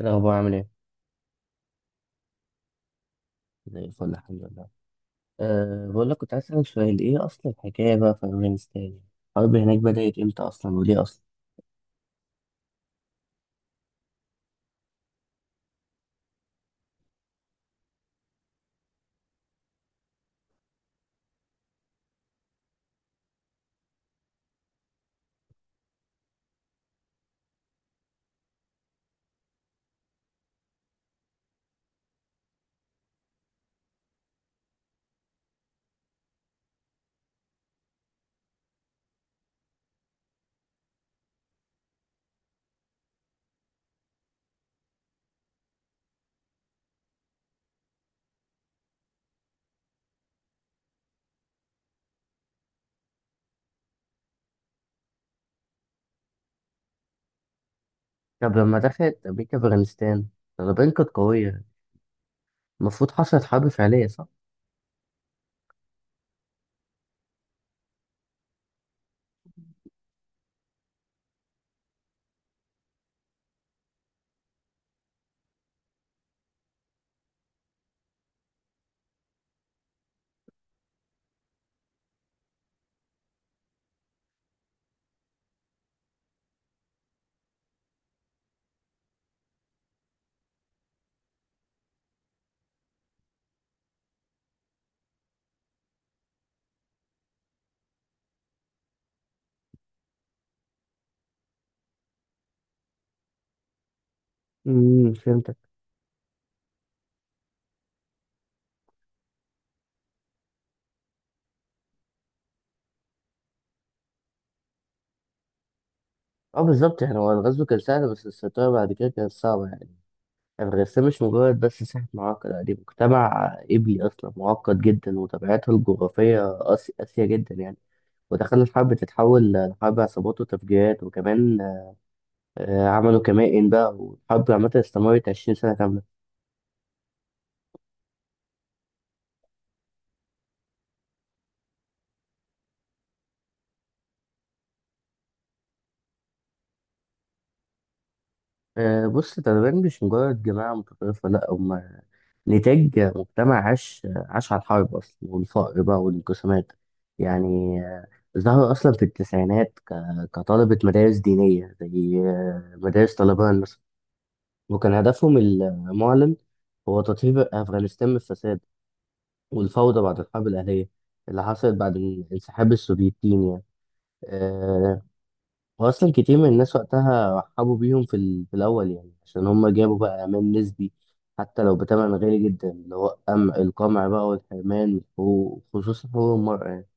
إيه الأخبار عامل إيه؟ زي الفل الحمد لله. بقول لك كنت عايز أسألك سؤال، إيه أصل الحكاية بقى في أفغانستان؟ الحرب هناك بدأت إمتى أصلا وليه أصلا؟ طب لما دخلت أمريكا أفغانستان، طالبان كانت قوية، المفروض حصلت حرب فعلية صح؟ فهمتك. أه بالظبط، يعني هو الغزو كان سهل بس السيطرة بعد كده كانت صعبة يعني. أفغانستان مش مجرد بس ساحة معقدة، لا، دي مجتمع إبلي أصلا معقد جدا وطبيعته الجغرافية قاسية جدا يعني. ودخل الحرب تتحول لحرب عصابات وتفجيرات وكمان عملوا كمائن بقى، والحرب عامة استمرت 20 سنة كاملة. بص، التaliban مش مجرد جماعة متطرفة، لأ، هما نتاج مجتمع عاش على الحرب أصلا، والفقر بقى والانقسامات. يعني ظهر أصلا في التسعينات كطلبة مدارس دينية زي مدارس طالبان مثلا. وكان هدفهم المعلن هو تطهير أفغانستان من الفساد والفوضى بعد الحرب الأهلية اللي حصلت بعد انسحاب السوفيتين يعني. واصلا كتير من الناس وقتها رحبوا بيهم في الاول يعني، عشان هم جابوا بقى امان نسبي حتى لو بتمن غالي جدا، اللي هو القمع بقى والحرمان وخصوصا حقوق المرأة يعني.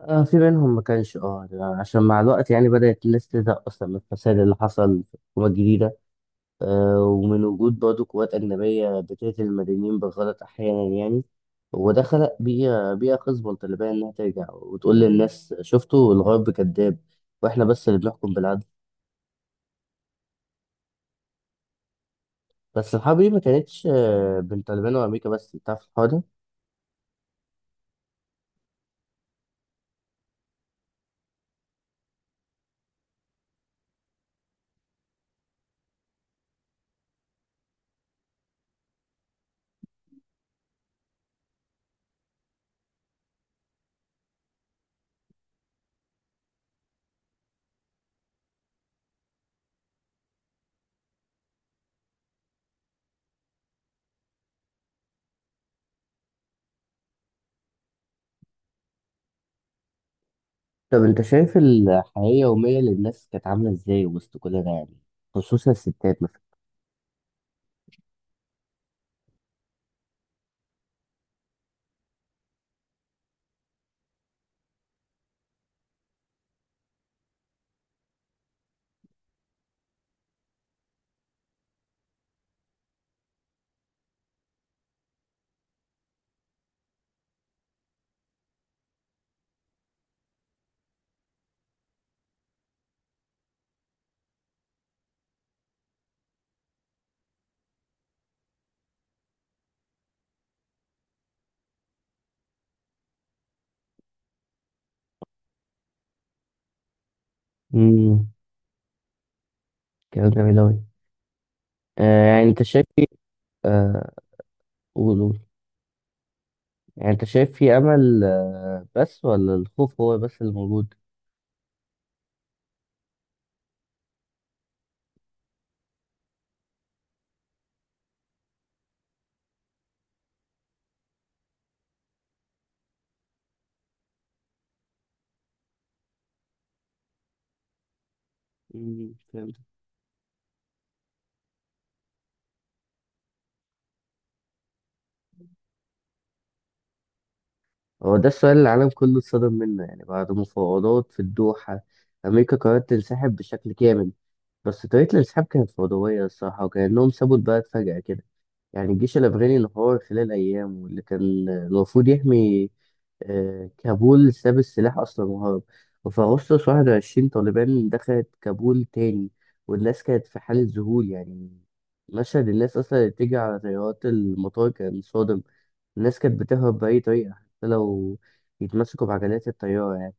آه، في منهم ما كانش، عشان مع الوقت يعني بدأت الناس تزهق اصلا من الفساد اللي حصل في الحكومة الجديدة، آه، ومن وجود برضه قوات أجنبية بتقتل المدنيين بالغلط أحيانا يعني. وده خلق بيئة خصبة للطالبان، إنها ترجع وتقول للناس، شفتوا الغرب كذاب وإحنا بس اللي بنحكم بالعدل. بس الحرب دي ما كانتش بين طالبان وامريكا بس، انت عارف الحوار ده. طب انت شايف الحياه اليوميه للناس كانت عامله ازاي وسط كل ده يعني، خصوصا الستات مثلا؟ امم كلام جميل أوي. آه، يعني انت شايف في، آه، قول قول. يعني انت شايف في امل آه بس، ولا الخوف هو بس اللي موجود؟ فهمت. هو ده السؤال اللي العالم كله اتصدم منه. يعني بعد مفاوضات في الدوحة، امريكا قررت تنسحب بشكل كامل. بس طريقة الانسحاب كانت فوضوية الصراحة، وكأنهم سابوا البلد فجأة كده. يعني الجيش الأفغاني انهار خلال أيام، واللي كان المفروض يحمي كابول ساب السلاح أصلا وهرب. وفي أغسطس 2021، طالبان دخلت كابول تاني، والناس كانت في حالة ذهول يعني. مشهد الناس أصلا اللي بتيجي على طيارات المطار كان صادم. الناس كانت بتهرب بأي طريقة، حتى لو يتمسكوا بعجلات الطيارة يعني.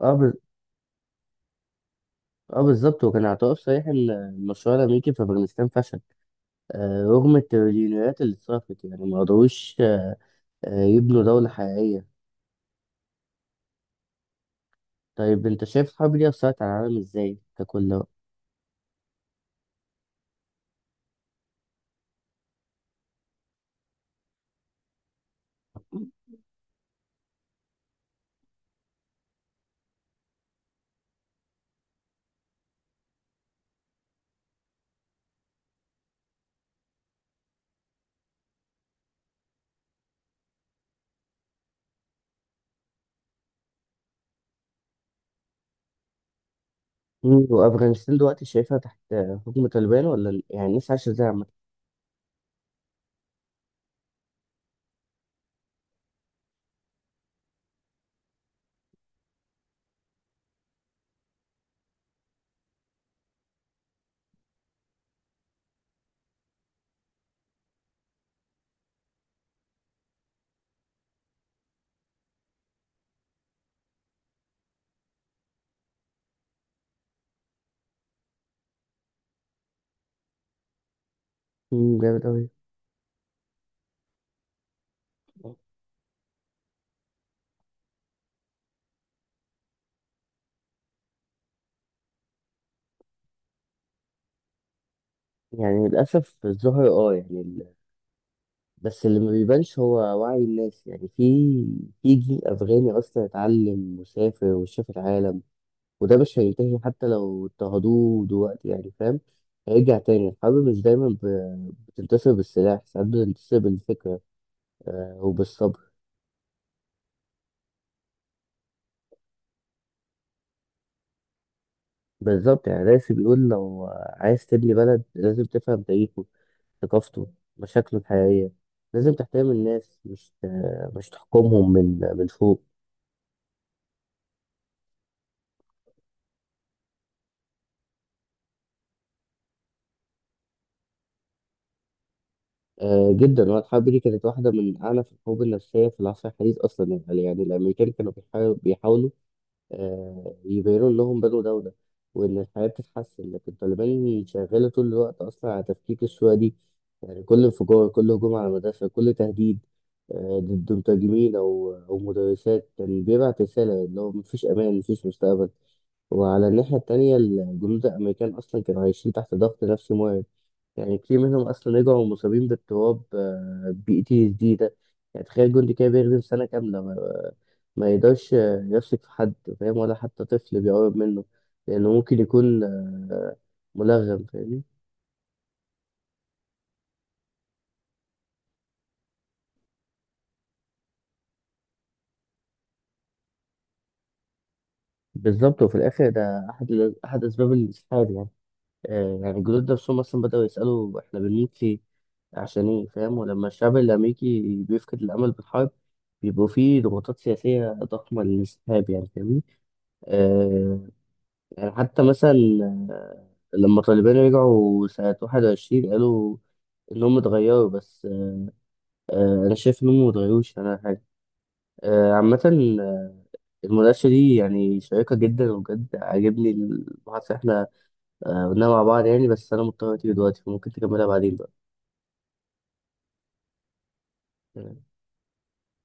اه بز- اه بالظبط، وكان اعتراف صريح ان المشروع الامريكي في افغانستان فشل. آه، رغم التريليونات اللي اتصرفت يعني ما قدروش يبنوا دولة حقيقية. طيب أنت شايف الحرب دي أثرت على العالم إزاي ككل بقى؟ مم، وأفغانستان دلوقتي شايفها تحت حكم طالبان، ولا يعني الناس عايشة إزاي عامة؟ مم، جامد أوي. يعني للأسف الظاهر أه، يعني بس اللي ما بيبانش هو وعي الناس، يعني في جيل أفغاني أصلا اتعلم وسافر وشاف العالم، وده مش هينتهي حتى لو اضطهدوه دلوقتي، يعني فاهم. هيرجع تاني. الحرب مش دايما بتنتصر بالسلاح، ساعات بتنتصر بالفكرة، وبالصبر. بالظبط، يعني راسي بيقول لو عايز تبني بلد لازم تفهم تاريخه، ثقافته، مشاكله الحقيقية. لازم تحترم الناس، مش تحكمهم من فوق. آه جدا، هو الحرب دي كانت واحدة من أعنف الحروب النفسية في العصر الحديث أصلا. يعني الأمريكان كانوا بيحاولوا يبينوا لهم بدو ده وده، وإن الحياة بتتحسن، لكن طالبان شغالة طول الوقت أصلا على تفكيك الشوية دي. يعني كل انفجار كل هجوم على المدرسة كل تهديد ضد مترجمين أو مدرسات كان بيبعت رسالة، اللي هو مفيش أمان مفيش مستقبل. وعلى الناحية التانية الجنود الأمريكان أصلا كانوا عايشين تحت ضغط نفسي مرعب. يعني كتير منهم اصلا رجعوا مصابين باضطراب بي تي اس دي ده. يعني تخيل جندي كده بيخدم سنه كامله ما يقدرش يثق في حد، فاهم، ولا حتى طفل بيقرب منه، لانه ممكن يكون ملغم، فاهمني. بالظبط، وفي الاخر ده احد احد اسباب الانسحاب يعني. يعني الجنود نفسهم اصلا بداوا يسالوا احنا بنموت ليه، عشان ايه، فاهم. ولما الشعب الامريكي بيفقد الامل بالحرب بيبقوا فيه ضغوطات سياسيه ضخمه للانسحاب، يعني فاهمني. آه، يعني حتى مثلا آه، لما طالبان رجعوا سنة 2021، قالوا إنهم اتغيروا، بس أنا شايف إنهم متغيروش ولا حاجة. عامة، آه، المناقشة دي يعني شيقة جدا وبجد عاجبني المحادثة اللي إحنا قلناها مع بعض، يعني بس أنا مضطر أتيجي دلوقتي، فممكن تكملها بعدين بقى.